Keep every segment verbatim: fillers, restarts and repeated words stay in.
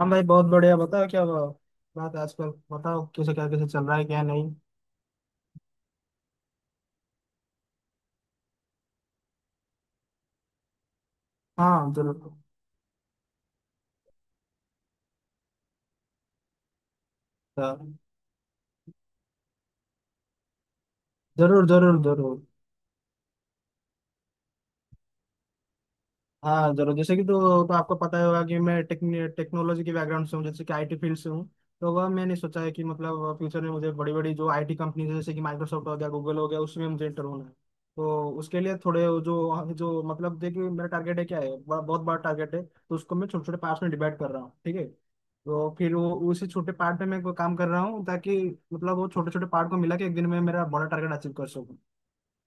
हम भाई बहुत बढ़िया बताओ क्या हुआ? बात है आजकल बताओ किसे क्या कैसे चल रहा है क्या नहीं। हाँ जरूर। हाँ, जरूर जरूर जरूर। हाँ जरूर। जैसे कि तो, तो आपको पता ही होगा कि मैं टेक्न, टेक्नोलॉजी के बैकग्राउंड से हूँ, जैसे कि आईटी फील्ड से हूँ। तो वह मैंने सोचा है कि मतलब फ्यूचर में मुझे बड़ी बड़ी जो आईटी कंपनीज है, जैसे कि माइक्रोसॉफ्ट हो गया, गूगल हो गया, उसमें मुझे इंटर होना है। तो उसके लिए थोड़े जो जो मतलब देखिए मेरा टारगेट है, क्या है, ब- बहुत बड़ा टारगेट है, तो उसको मैं छोटे छोटे पार्ट्स में डिवाइड कर रहा हूँ, ठीक है। तो फिर वो उसी छोटे पार्ट में मैं काम कर रहा हूँ ताकि मतलब वो छोटे छोटे पार्ट को मिला के एक दिन में मेरा बड़ा टारगेट अचीव कर सकूँ।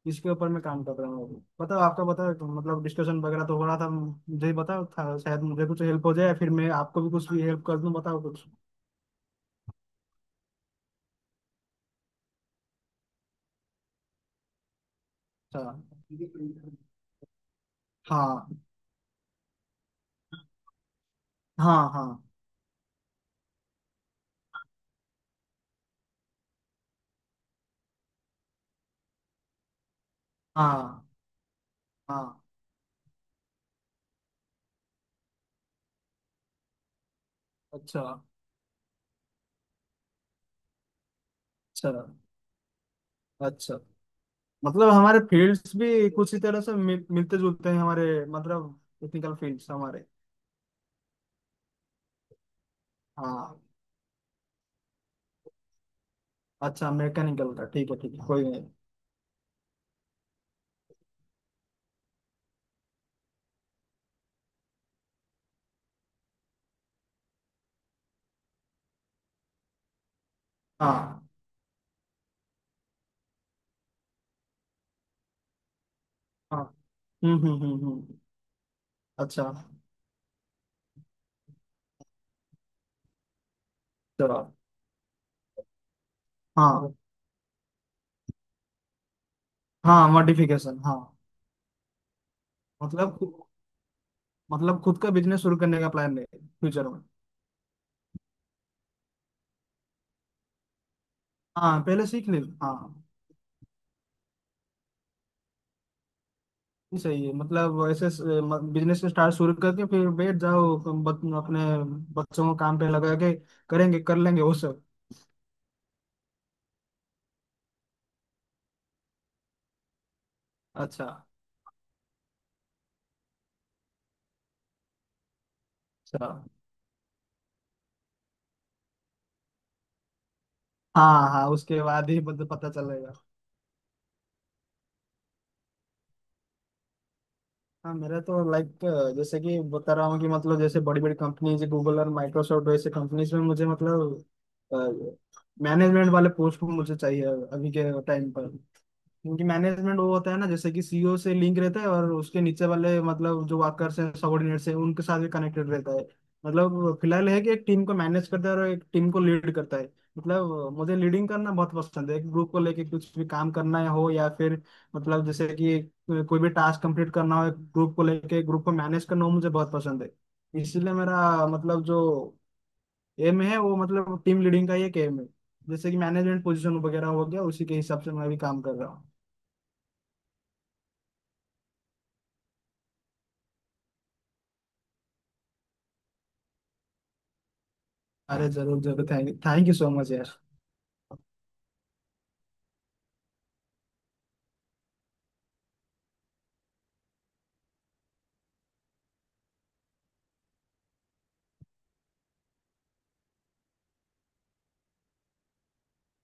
इसके ऊपर मैं काम कर रहा हूँ अभी। बताओ आपका, बताओ तो मतलब डिस्कशन वगैरह तो हो रहा था मुझे ही बताओ था, शायद मुझे कुछ हेल्प हो जाए, फिर मैं आपको भी कुछ भी हेल्प कर दूँ। बताओ कुछ। अच्छा। हाँ हाँ हाँ। हाँ हाँ। अच्छा। अच्छा। अच्छा। मतलब हमारे फील्ड्स भी कुछ ही तरह से मिल, मिलते जुलते हैं, हमारे मतलब टेक्निकल फील्ड्स हमारे। हाँ। अच्छा, मैकेनिकल का, ठीक है ठीक है, कोई नहीं। हाँ हाँ। हम्म हम्म हम्म हम्म। अच्छा। चलो। हाँ। हाँ मॉडिफिकेशन, हाँ। मतलब खु- मतलब खुद का बिजनेस शुरू करने का प्लान है फ्यूचर में। हाँ पहले सीख ले, हाँ। ये सही है, मतलब ऐसे बिजनेस स्टार्ट शुरू करके फिर बैठ जाओ तुम, बत, अपने बच्चों को काम पे लगा के, करेंगे कर लेंगे वो सब। अच्छा। अच्छा। हाँ हाँ, उसके बाद ही बत- पता चलेगा। हाँ मेरा तो लाइक जैसे कि बता रहा हूँ कि मतलब जैसे बड़ी बड़ी कंपनीज गूगल और माइक्रोसॉफ्ट, वैसे कंपनीज में मुझे मतलब मैनेजमेंट वाले पोस्ट मुझे चाहिए अभी के टाइम पर। क्योंकि मैनेजमेंट वो होता है ना, जैसे कि सीईओ से लिंक रहता है, और उसके नीचे वाले मतलब जो वर्कर्स हैं, सबॉर्डिनेट्स हैं, उनके साथ भी कनेक्टेड रहता है। मतलब फिलहाल है कि एक टीम को मैनेज करता है और एक टीम को लीड करता है। मतलब मुझे लीडिंग करना बहुत पसंद है, एक ग्रुप को लेके कुछ भी काम करना हो, या फिर मतलब जैसे कि कोई भी टास्क कंप्लीट करना हो, एक ग्रुप को लेके ग्रुप को मैनेज करना हो, मुझे बहुत पसंद है। इसलिए मेरा मतलब जो एम है वो मतलब टीम लीडिंग का ही एक एम है, जैसे कि मैनेजमेंट पोजीशन वगैरह हो गया, उसी के हिसाब से मैं भी काम कर रहा हूँ। अरे जरूर जरूर, thank thank you so much यार।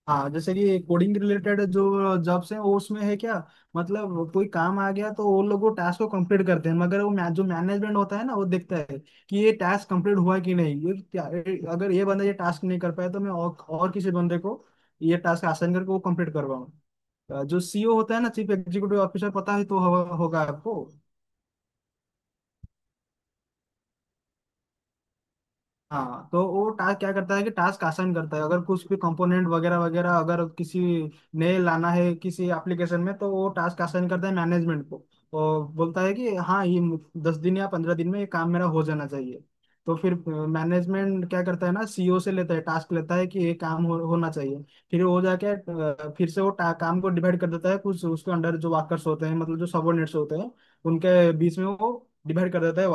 हाँ, जैसे ये कोडिंग रिलेटेड जो जॉब्स हैं वो, उसमें है क्या, मतलब कोई काम आ गया तो वो लोग वो टास्क को कंप्लीट करते हैं, मगर वो मै- जो मैनेजमेंट होता है ना वो देखता है कि ये टास्क कंप्लीट हुआ कि नहीं, ये क्या- ये- अगर ये बंदा ये टास्क नहीं कर पाया तो मैं और, और किसी बंदे को ये टास्क आसान करके वो कंप्लीट करवाऊँ। जो सीईओ होता है ना, चीफ एग्जीक्यूटिव ऑफिसर, पता है तो हो, होगा आपको। हाँ, तो वो टास्क क्या करता है कि टास्क आसान करता है, अगर कुछ भी कंपोनेंट वगैरह वगैरह अगर किसी नए लाना है किसी एप्लीकेशन में, तो वो टास्क आसान करता है मैनेजमेंट को, और बोलता है कि हाँ ये दस दिन या पंद्रह दिन में ये काम मेरा हो जाना चाहिए। तो फिर मैनेजमेंट क्या करता है ना, सीईओ से लेता है, टास्क लेता है कि ये काम हो, होना चाहिए। फिर वो जाके अ, फिर से वो टा- काम को डिवाइड कर देता है, कुछ उसके अंडर जो वर्कर्स होते हैं, मतलब जो सबोर्डिनेट्स होते हैं, उनके बीच में वो डिवाइड कर देता है।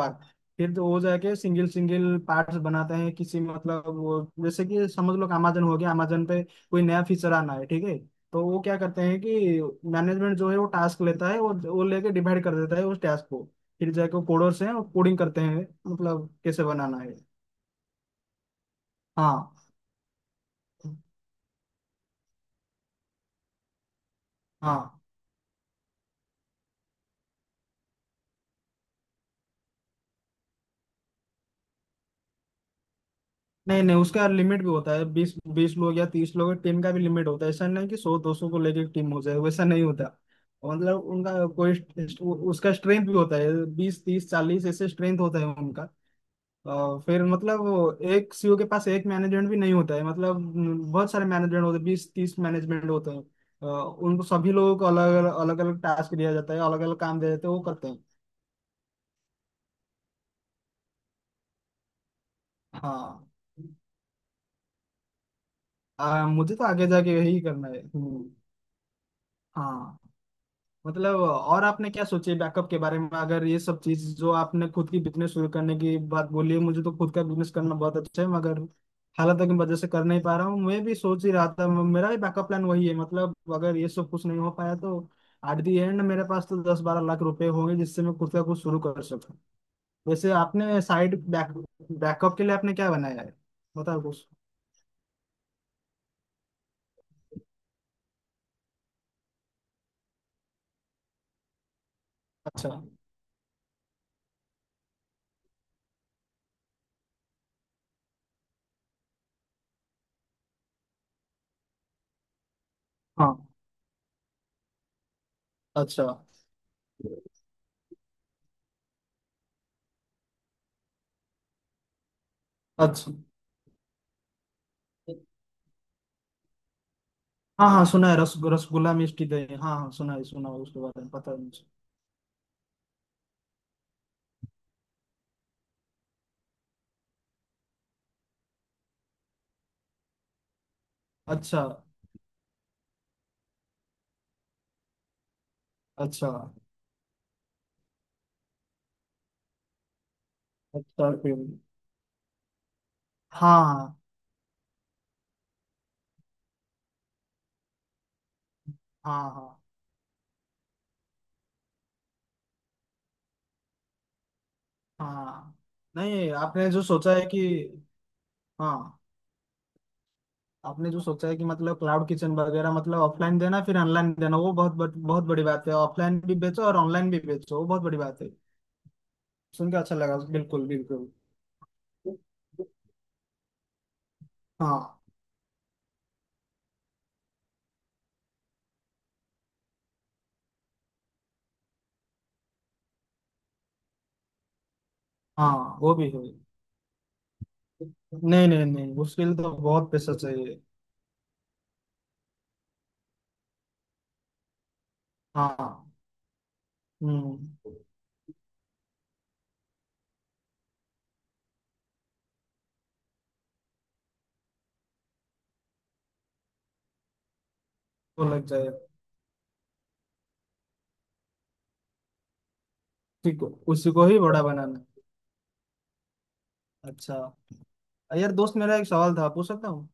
फिर तो वो जाके सिंगल सिंगल पार्ट्स बनाते हैं किसी, मतलब वो जैसे कि समझ लो कि अमेजन हो गया, अमेजन पे कोई नया फीचर आना है, ठीक है। तो वो क्या करते हैं कि मैनेजमेंट जो है वो टास्क लेता है, वो वो लेके डिवाइड कर देता है उस टास्क को। फिर जाके कोडर्स हैं वो कोडिंग करते हैं, मतलब कैसे बनाना है। हाँ हाँ। नहीं नहीं, उसका लिमिट भी होता है, बीस बीस लोग या तीस लोग, टीम का भी लिमिट होता है, ऐसा नहीं कि सौ दो सौ को लेके टीम हो जाए, वैसा नहीं होता। मतलब उनका कोई स्ट- उसका स्ट्रेंथ भी होता है, बीस तीस चालीस, ऐसे स्ट्रेंथ होता है उनका। अ, फिर मतलब वो एक सीईओ के पास एक मैनेजमेंट भी नहीं होता है, मतलब न, बहुत सारे मैनेजमेंट होते हैं, बीस तीस मैनेजमेंट होते हैं। अ, उनको सभी लोगों को अलग अलग अलग अलग टास्क दिया जाता है, अलग अलग काम दिया जाता है, वो करते हैं। हाँ। आ, मुझे तो आगे जाके यही करना है। हम्म। हाँ। मतलब, और आपने क्या सोचे बैकअप के बारे में? अगर ये सब चीज जो आपने खुद की बिजनेस शुरू करने की बात बोली है, मुझे तो खुद का बिजनेस करना बहुत अच्छा है, मगर हालात की वजह से कर नहीं पा रहा हूँ। मैं भी सोच ही रहा था, म- मेरा भी बैकअप प्लान वही है, मतलब अगर ये सब कुछ नहीं हो पाया तो एट दी एंड मेरे पास तो दस बारह लाख रुपए होंगे, जिससे मैं खुद का कुछ शुरू कर सकूँ। वैसे आपने साइड बैक बैकअप के लिए आपने क्या बनाया है? बताओ कुछ। अच्छा। हाँ। अच्छा। अच्छा। हाँ हाँ सुना है, रस रसगुल्ला, मिष्टी दही, हाँ हाँ सुना है, सुना है, उसके बारे में पता है मुझे। अच्छा। अच्छा। अच्छा फिर। हाँ हाँ। हाँ हाँ। नहीं आपने जो सोचा है कि हाँ आपने जो सोचा है कि मतलब क्लाउड किचन वगैरह, मतलब ऑफलाइन देना फिर ऑनलाइन देना, वो बहुत बहुत बहुत बड़ी बात है, ऑफलाइन भी बेचो और ऑनलाइन भी बेचो, वो बहुत बड़ी बात है, सुन के अच्छा लगा। बिल्कुल बिल्कुल। हाँ। हाँ वो भी है। नहीं नहीं नहीं, उसके लिए तो बहुत पैसा चाहिए। हाँ। हम्म। वो लग जाएगा। ठीक है, उसी को ही बड़ा बनाना है। अच्छा। यार दोस्त मेरा एक सवाल था, पूछ सकता हूँ?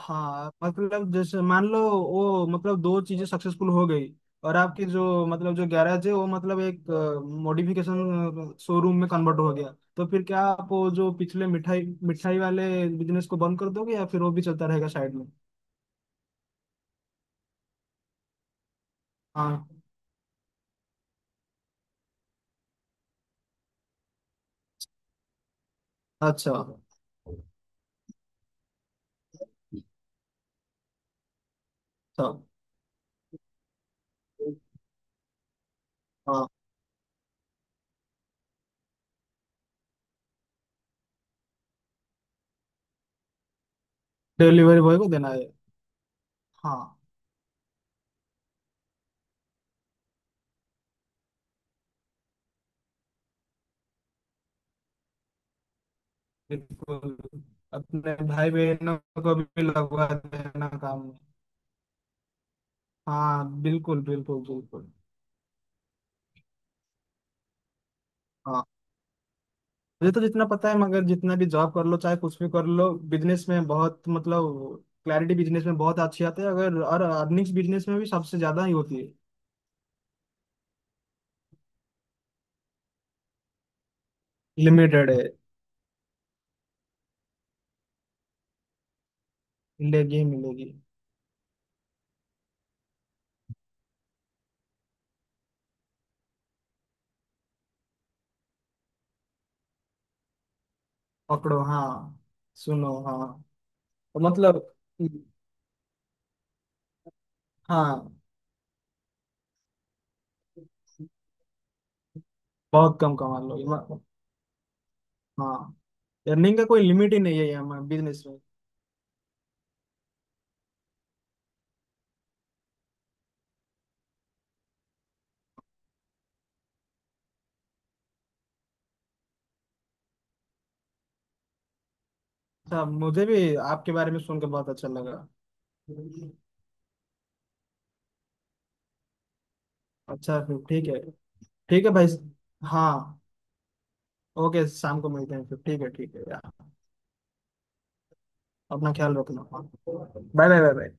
हाँ, मतलब जैसे मान लो वो मतलब दो चीजें सक्सेसफुल हो गई, और आपकी जो मतलब जो गैराज है वो मतलब एक मॉडिफिकेशन शोरूम में कन्वर्ट हो गया, तो फिर क्या आप वो जो पिछले मिठाई मिठाई वाले बिजनेस को बंद कर दोगे, या फिर वो भी चलता रहेगा साइड में? हाँ। अच्छा अच्छा। हाँ, डिलीवरी बॉय को देना है। हाँ बिल्कुल, अपने भाई बहनों को भी लगवा देना काम में। हाँ बिल्कुल बिल्कुल बिल्कुल। हाँ। मुझे तो जितना पता है, मगर जितना भी जॉब कर लो, चाहे कुछ भी कर लो, बिजनेस में बहुत मतलब क्लैरिटी बिजनेस में बहुत अच्छी आती है, अगर, और अर्निंग्स बिजनेस में भी सबसे ज्यादा ही होती है। लिमिटेड है। मिलेगी मिलेगी। पकड़ो, हाँ। सुनो, हाँ। तो मतलब, हाँ। बहुत कम कमा लोगे म- हाँ। अर्निंग का कोई लिमिट ही नहीं है यहाँ बिजनेस में। अच्छा, मुझे भी आपके बारे में सुनकर बहुत अच्छा लगा। अच्छा फिर, ठीक है। ठीक है भाई। हाँ। ओके, शाम को मिलते हैं फिर, ठीक है, ठीक है यार। अपना ख्याल रखना, बाय बाय बाय बाय।